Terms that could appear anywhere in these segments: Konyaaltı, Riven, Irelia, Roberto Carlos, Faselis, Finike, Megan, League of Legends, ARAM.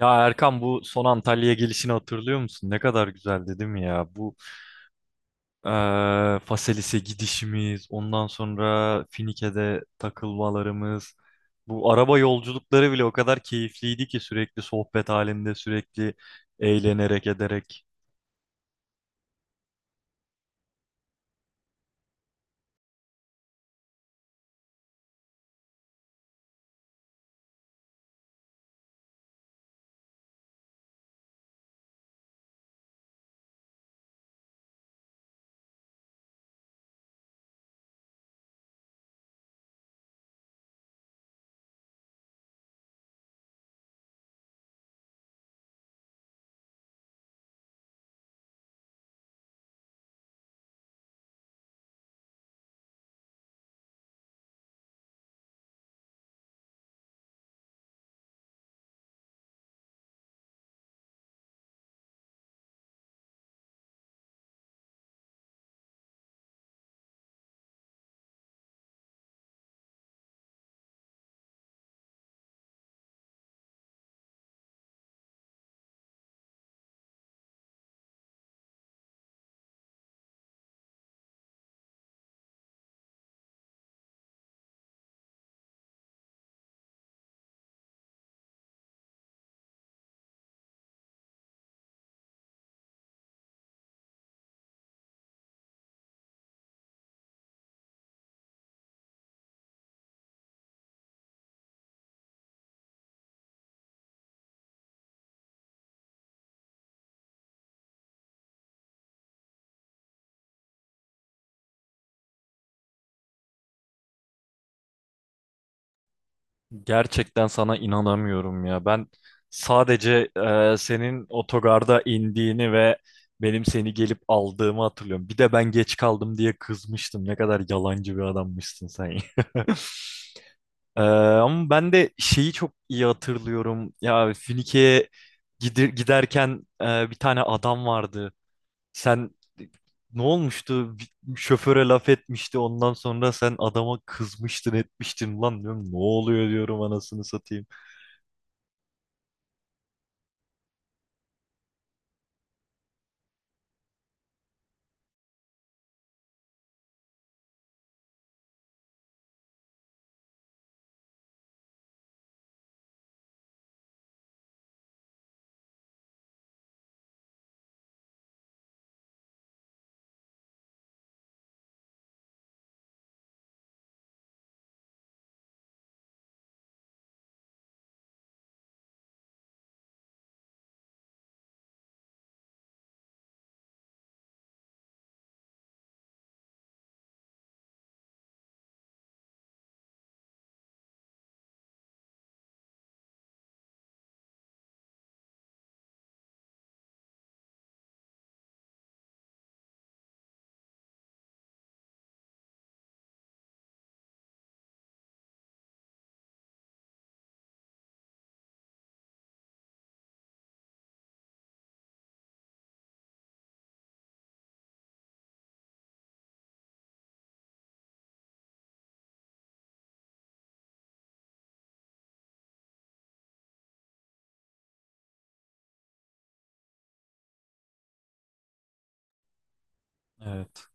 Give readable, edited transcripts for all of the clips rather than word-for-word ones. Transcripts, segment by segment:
Ya Erkan bu son Antalya'ya gelişini hatırlıyor musun? Ne kadar güzeldi değil mi ya? Bu Faselis'e gidişimiz, ondan sonra Finike'de takılmalarımız, bu araba yolculukları bile o kadar keyifliydi ki sürekli sohbet halinde, sürekli eğlenerek ederek. Gerçekten sana inanamıyorum ya. Ben sadece senin otogarda indiğini ve benim seni gelip aldığımı hatırlıyorum. Bir de ben geç kaldım diye kızmıştım. Ne kadar yalancı bir adammışsın sen, ya. Ama ben de şeyi çok iyi hatırlıyorum. Ya Finike'ye giderken bir tane adam vardı. Sen ne olmuştu? Bir şoföre laf etmişti. Ondan sonra sen adama kızmıştın, etmiştin. Lan diyorum ne oluyor diyorum anasını satayım. Evet.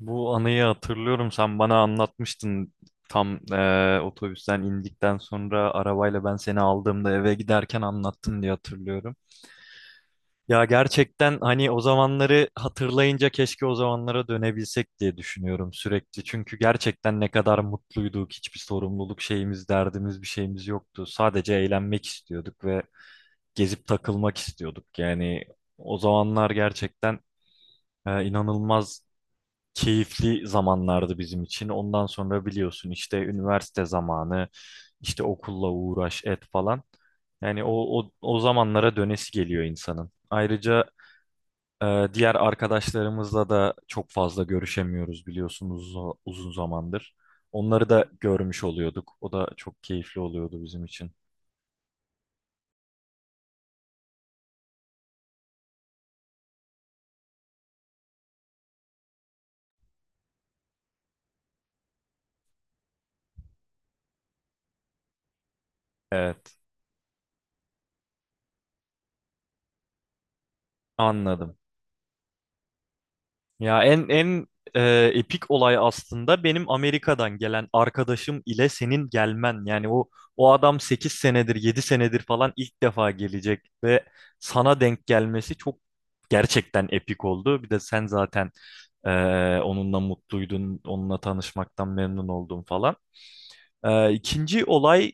Bu anıyı hatırlıyorum. Sen bana anlatmıştın. Tam otobüsten indikten sonra arabayla ben seni aldığımda eve giderken anlattın diye hatırlıyorum. Ya gerçekten hani o zamanları hatırlayınca keşke o zamanlara dönebilsek diye düşünüyorum sürekli. Çünkü gerçekten ne kadar mutluyduk. Hiçbir sorumluluk şeyimiz, derdimiz, bir şeyimiz yoktu. Sadece eğlenmek istiyorduk ve gezip takılmak istiyorduk. Yani o zamanlar gerçekten inanılmaz keyifli zamanlardı bizim için. Ondan sonra biliyorsun işte üniversite zamanı, işte okulla uğraş et falan. Yani o zamanlara dönesi geliyor insanın. Ayrıca diğer arkadaşlarımızla da çok fazla görüşemiyoruz biliyorsunuz uzun zamandır. Onları da görmüş oluyorduk. O da çok keyifli oluyordu bizim için. Evet, anladım. Ya en epik olay aslında benim Amerika'dan gelen arkadaşım ile senin gelmen. Yani o adam 8 senedir, 7 senedir falan ilk defa gelecek ve sana denk gelmesi çok gerçekten epik oldu. Bir de sen zaten e, onunla mutluydun, onunla tanışmaktan memnun oldun falan. İkinci olay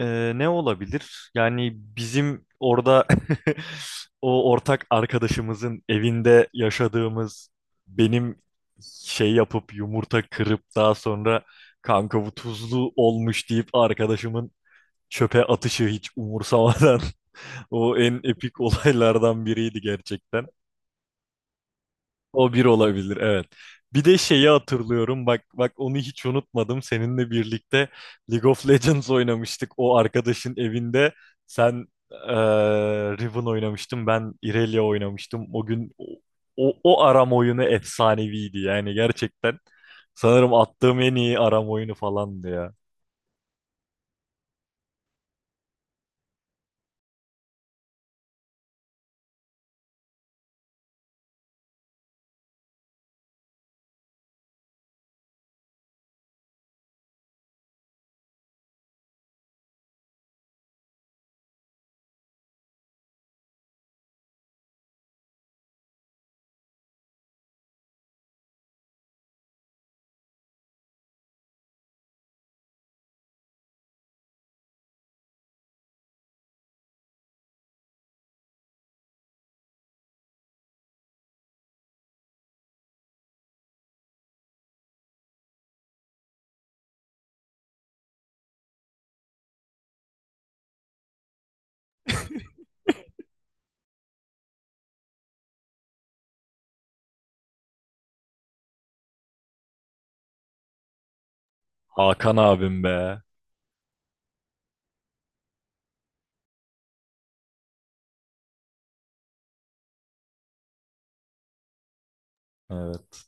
ne olabilir? Yani bizim orada o ortak arkadaşımızın evinde yaşadığımız benim şey yapıp yumurta kırıp daha sonra kanka bu tuzlu olmuş deyip arkadaşımın çöpe atışı hiç umursamadan o en epik olaylardan biriydi gerçekten. O bir olabilir evet. Bir de şeyi hatırlıyorum bak bak onu hiç unutmadım. Seninle birlikte League of Legends oynamıştık o arkadaşın evinde. Sen eee Riven oynamıştın ben Irelia oynamıştım. O gün o aram oyunu efsaneviydi yani gerçekten. Sanırım attığım en iyi aram oyunu falandı ya. Hakan abim be. Evet,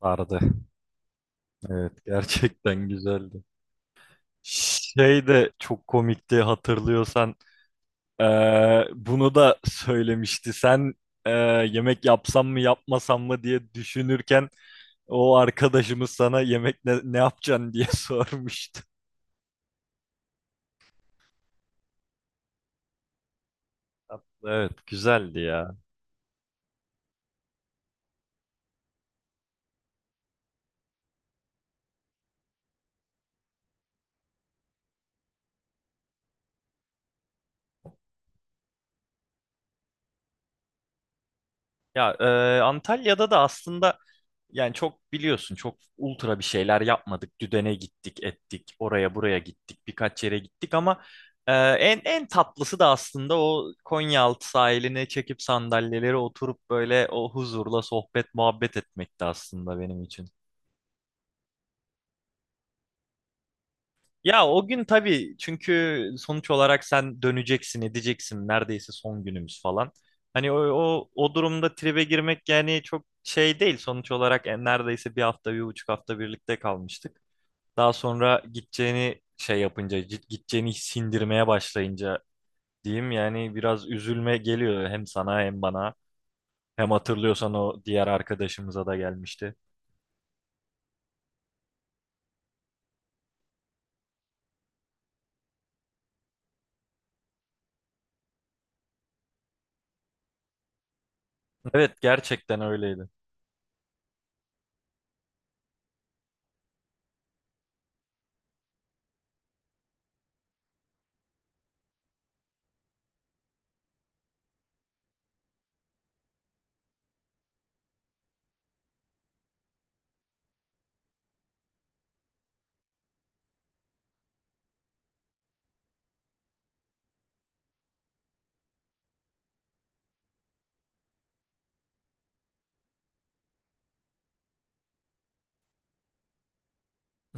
sardı. Evet gerçekten güzeldi. Şey de çok komikti hatırlıyorsan. Bunu da söylemişti. Sen e, yemek yapsam mı yapmasam mı diye düşünürken o arkadaşımız sana yemek ne yapacaksın diye sormuştu. Evet, güzeldi ya. Ya Antalya'da da aslında yani çok biliyorsun çok ultra bir şeyler yapmadık. Düdene gittik, ettik, oraya buraya gittik, birkaç yere gittik ama en tatlısı da aslında o Konyaaltı sahiline çekip sandalyeleri oturup böyle o huzurla sohbet muhabbet etmekti aslında benim için. Ya o gün tabii çünkü sonuç olarak sen döneceksin, edeceksin. Neredeyse son günümüz falan. Hani o durumda tribe girmek yani çok şey değil. Sonuç olarak neredeyse bir hafta, 1,5 hafta birlikte kalmıştık. Daha sonra gideceğini şey yapınca, gideceğini sindirmeye başlayınca diyeyim yani biraz üzülme geliyor hem sana hem bana. Hem hatırlıyorsan o diğer arkadaşımıza da gelmişti. Evet gerçekten öyleydi.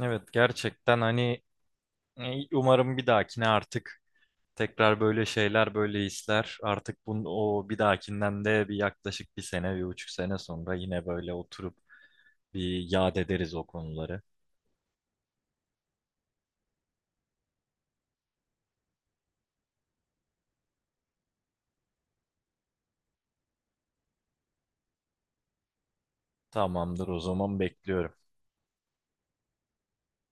Evet gerçekten hani umarım bir dahakine artık tekrar böyle şeyler, böyle işler. Artık bunun o bir dahakinden de bir yaklaşık bir sene, 1,5 sene sonra yine böyle oturup bir yad ederiz o konuları. Tamamdır o zaman bekliyorum.